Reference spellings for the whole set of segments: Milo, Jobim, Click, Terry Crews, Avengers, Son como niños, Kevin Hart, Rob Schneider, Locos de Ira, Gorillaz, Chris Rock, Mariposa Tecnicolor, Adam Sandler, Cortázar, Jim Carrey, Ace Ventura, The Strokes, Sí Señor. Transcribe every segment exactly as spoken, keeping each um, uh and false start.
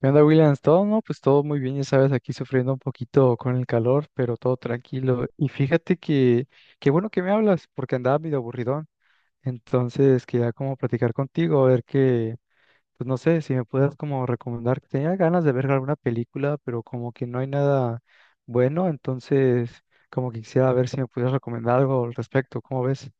¿Qué onda, Williams? Todo, ¿no? Pues todo muy bien, ya sabes, aquí sufriendo un poquito con el calor, pero todo tranquilo. Y fíjate que qué bueno que me hablas, porque andaba medio aburridón. Entonces, quería como platicar contigo, a ver que pues no sé, si me puedas como recomendar. Tenía ganas de ver alguna película, pero como que no hay nada bueno, entonces como que quisiera ver si me pudieras recomendar algo al respecto. ¿Cómo ves?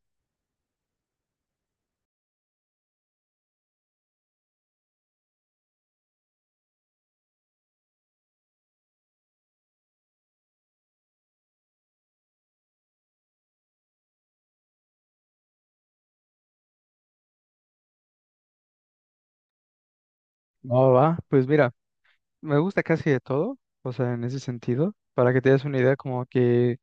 Va, va, pues mira, me gusta casi de todo, o sea, en ese sentido. Para que te des una idea, como que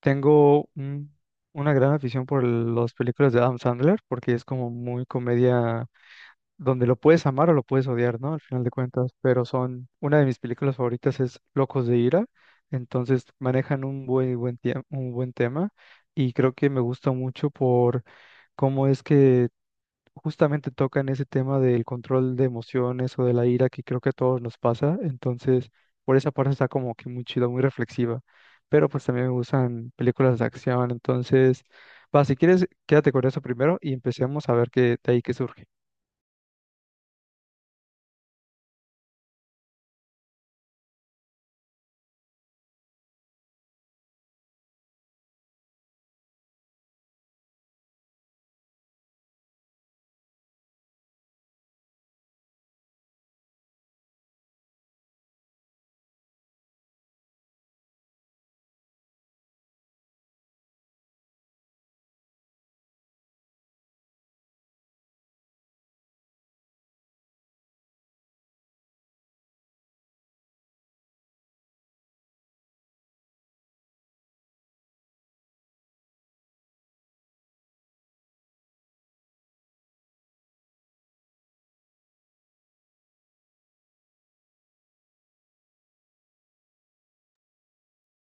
Tengo un- una gran afición por las películas de Adam Sandler, porque es como muy comedia donde lo puedes amar o lo puedes odiar, ¿no? Al final de cuentas, pero son, una de mis películas favoritas es Locos de Ira, entonces manejan un buen, buen, tie- un buen tema y creo que me gusta mucho por cómo es que justamente tocan ese tema del control de emociones o de la ira que creo que a todos nos pasa. Entonces, por esa parte está como que muy chido, muy reflexiva. Pero pues también me gustan películas de acción. Entonces, va, si quieres, quédate con eso primero y empecemos a ver qué de ahí que surge.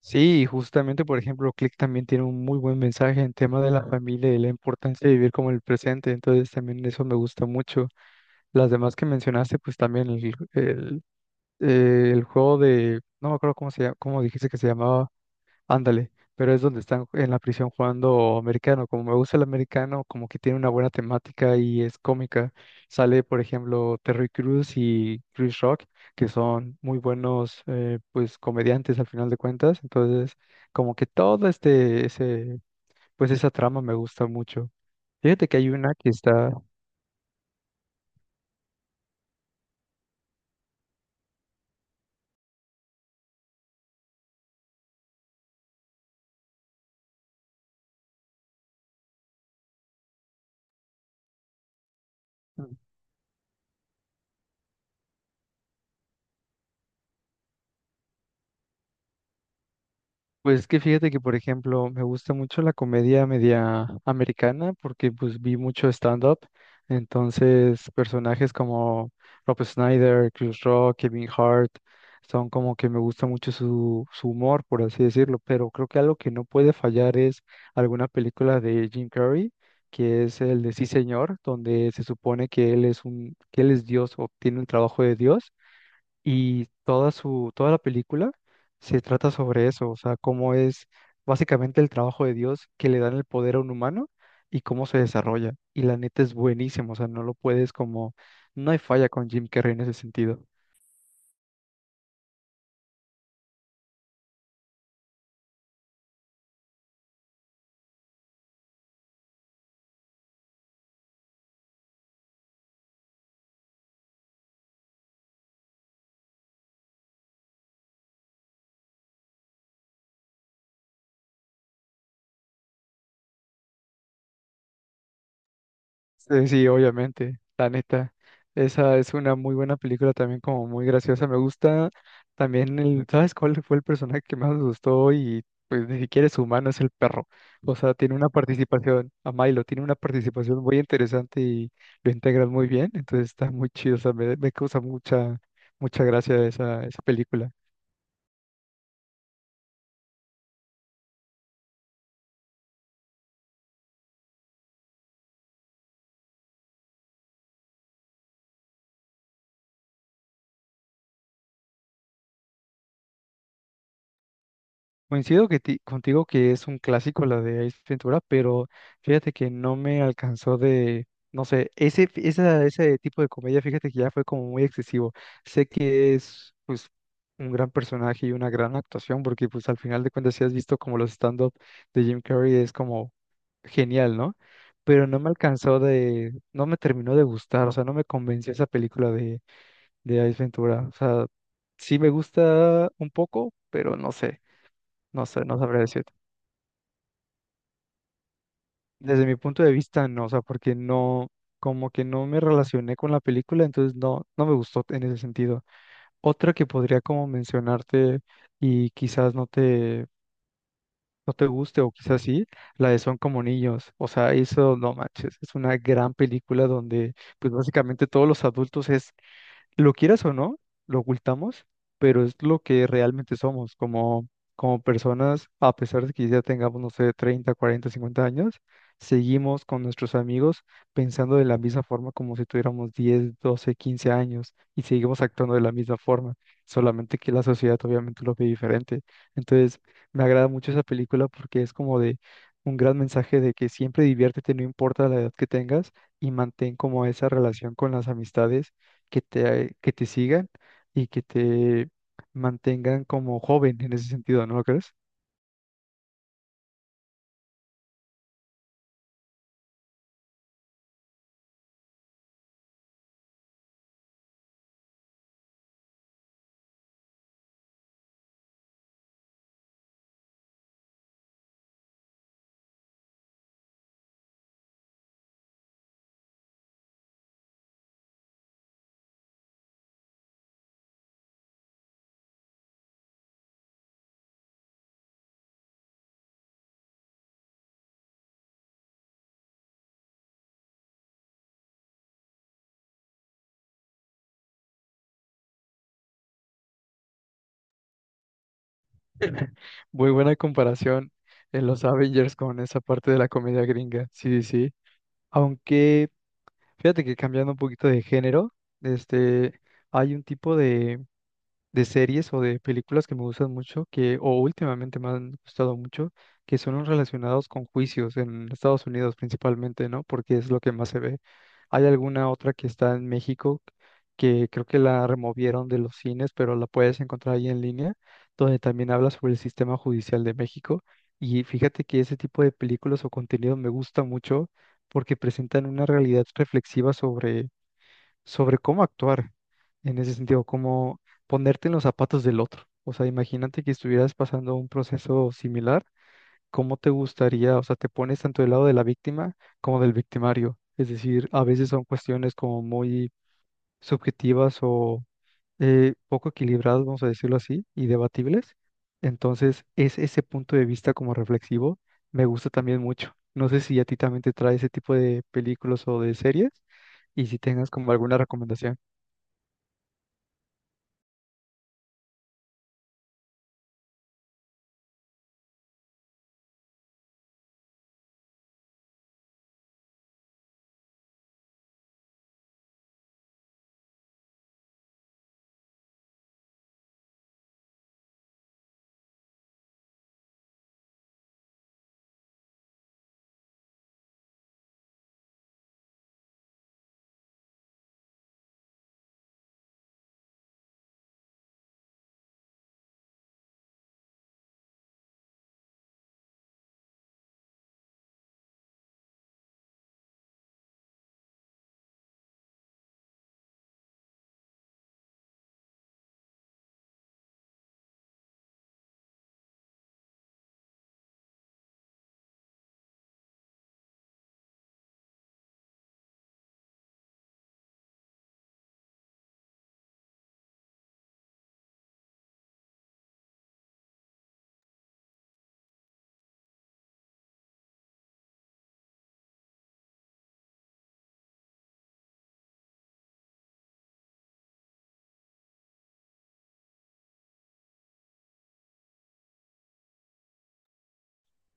Sí, justamente, por ejemplo, Click también tiene un muy buen mensaje en tema de la familia y la importancia de vivir como el presente. Entonces, también eso me gusta mucho. Las demás que mencionaste, pues también el, el eh, el juego de, no me acuerdo cómo se llama, cómo dijiste que se llamaba, ándale, pero es donde están en la prisión jugando americano. Como me gusta el americano, como que tiene una buena temática y es cómica. Sale, por ejemplo, Terry Crews y Chris Rock, que son muy buenos, eh, pues, comediantes al final de cuentas. Entonces, como que todo este, ese, pues, esa trama me gusta mucho. Fíjate que hay una que está... Pues es que fíjate que, por ejemplo, me gusta mucho la comedia media americana porque pues vi mucho stand-up. Entonces, personajes como Rob Schneider, Chris Rock, Kevin Hart, son como que me gusta mucho su, su humor, por así decirlo. Pero creo que algo que no puede fallar es alguna película de Jim Carrey, que es el de Sí Señor, donde se supone que él es un, que él es Dios o tiene un trabajo de Dios y toda su, toda la película se trata sobre eso, o sea, cómo es básicamente el trabajo de Dios que le dan el poder a un humano y cómo se desarrolla. Y la neta es buenísimo, o sea, no lo puedes como, no hay falla con Jim Carrey en ese sentido. Sí, sí, obviamente, la neta. Esa es una muy buena película también, como muy graciosa. Me gusta también el, ¿sabes cuál fue el personaje que más me gustó? Y pues ni siquiera es humano, es el perro. O sea, tiene una participación, a Milo, tiene una participación muy interesante y lo integran muy bien. Entonces está muy chido, o sea, me, me causa mucha, mucha gracia esa, esa película. Coincido que ti- contigo que es un clásico la de Ace Ventura, pero fíjate que no me alcanzó de, no sé, ese, esa- ese tipo de comedia, fíjate que ya fue como muy excesivo. Sé que es pues un gran personaje y una gran actuación, porque pues al final de cuentas si has visto como los stand-up de Jim Carrey es como genial, ¿no? Pero no me alcanzó de, no me terminó de gustar, o sea, no me convenció esa película de, de Ace Ventura. O sea, sí me gusta un poco, pero no sé. No sé, no sabría decirte. Desde mi punto de vista, no, o sea, porque no, como que no me relacioné con la película, entonces no, no me gustó en ese sentido. Otra que podría como mencionarte y quizás no te, no te guste o quizás sí, la de Son como niños. O sea, eso no manches, es una gran película donde pues básicamente todos los adultos es lo quieras o no, lo ocultamos, pero es lo que realmente somos como, como personas, a pesar de que ya tengamos, no sé, treinta cuarenta cincuenta años, seguimos con nuestros amigos pensando de la misma forma como si tuviéramos diez doce quince años y seguimos actuando de la misma forma, solamente que la sociedad obviamente lo ve diferente. Entonces, me agrada mucho esa película porque es como de un gran mensaje de que siempre diviértete, no importa la edad que tengas, y mantén como esa relación con las amistades que te, que te sigan y que te mantengan como joven en ese sentido, ¿no lo crees? Muy buena comparación en los Avengers con esa parte de la comedia gringa, sí, sí. Aunque fíjate que cambiando un poquito de género, este, hay un tipo de de series o de películas que me gustan mucho, que, o últimamente me han gustado mucho, que son los relacionados con juicios en Estados Unidos principalmente, ¿no? Porque es lo que más se ve. Hay alguna otra que está en México que creo que la removieron de los cines, pero la puedes encontrar ahí en línea, donde también habla sobre el sistema judicial de México. Y fíjate que ese tipo de películas o contenido me gusta mucho porque presentan una realidad reflexiva sobre sobre cómo actuar en ese sentido, cómo ponerte en los zapatos del otro. O sea, imagínate que estuvieras pasando un proceso similar, ¿cómo te gustaría? O sea, te pones tanto del lado de la víctima como del victimario. Es decir, a veces son cuestiones como muy subjetivas o eh, poco equilibradas, vamos a decirlo así, y debatibles. Entonces, es ese punto de vista como reflexivo, me gusta también mucho. No sé si a ti también te trae ese tipo de películas o de series y si tengas como alguna recomendación.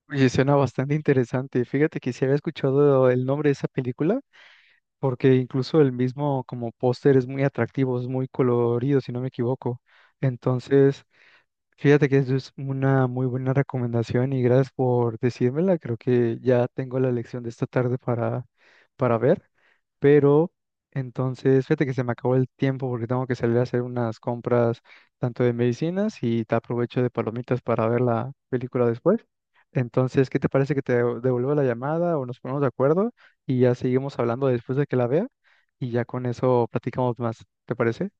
Oye, suena bastante interesante. Fíjate que sí había escuchado el nombre de esa película, porque incluso el mismo como póster es muy atractivo, es muy colorido, si no me equivoco. Entonces, fíjate que eso es una muy buena recomendación y gracias por decírmela. Creo que ya tengo la lección de esta tarde para, para ver. Pero entonces, fíjate que se me acabó el tiempo porque tengo que salir a hacer unas compras tanto de medicinas y te aprovecho de palomitas para ver la película después. Entonces, ¿qué te parece que te devuelva la llamada o nos ponemos de acuerdo y ya seguimos hablando después de que la vea y ya con eso platicamos más? ¿Te parece?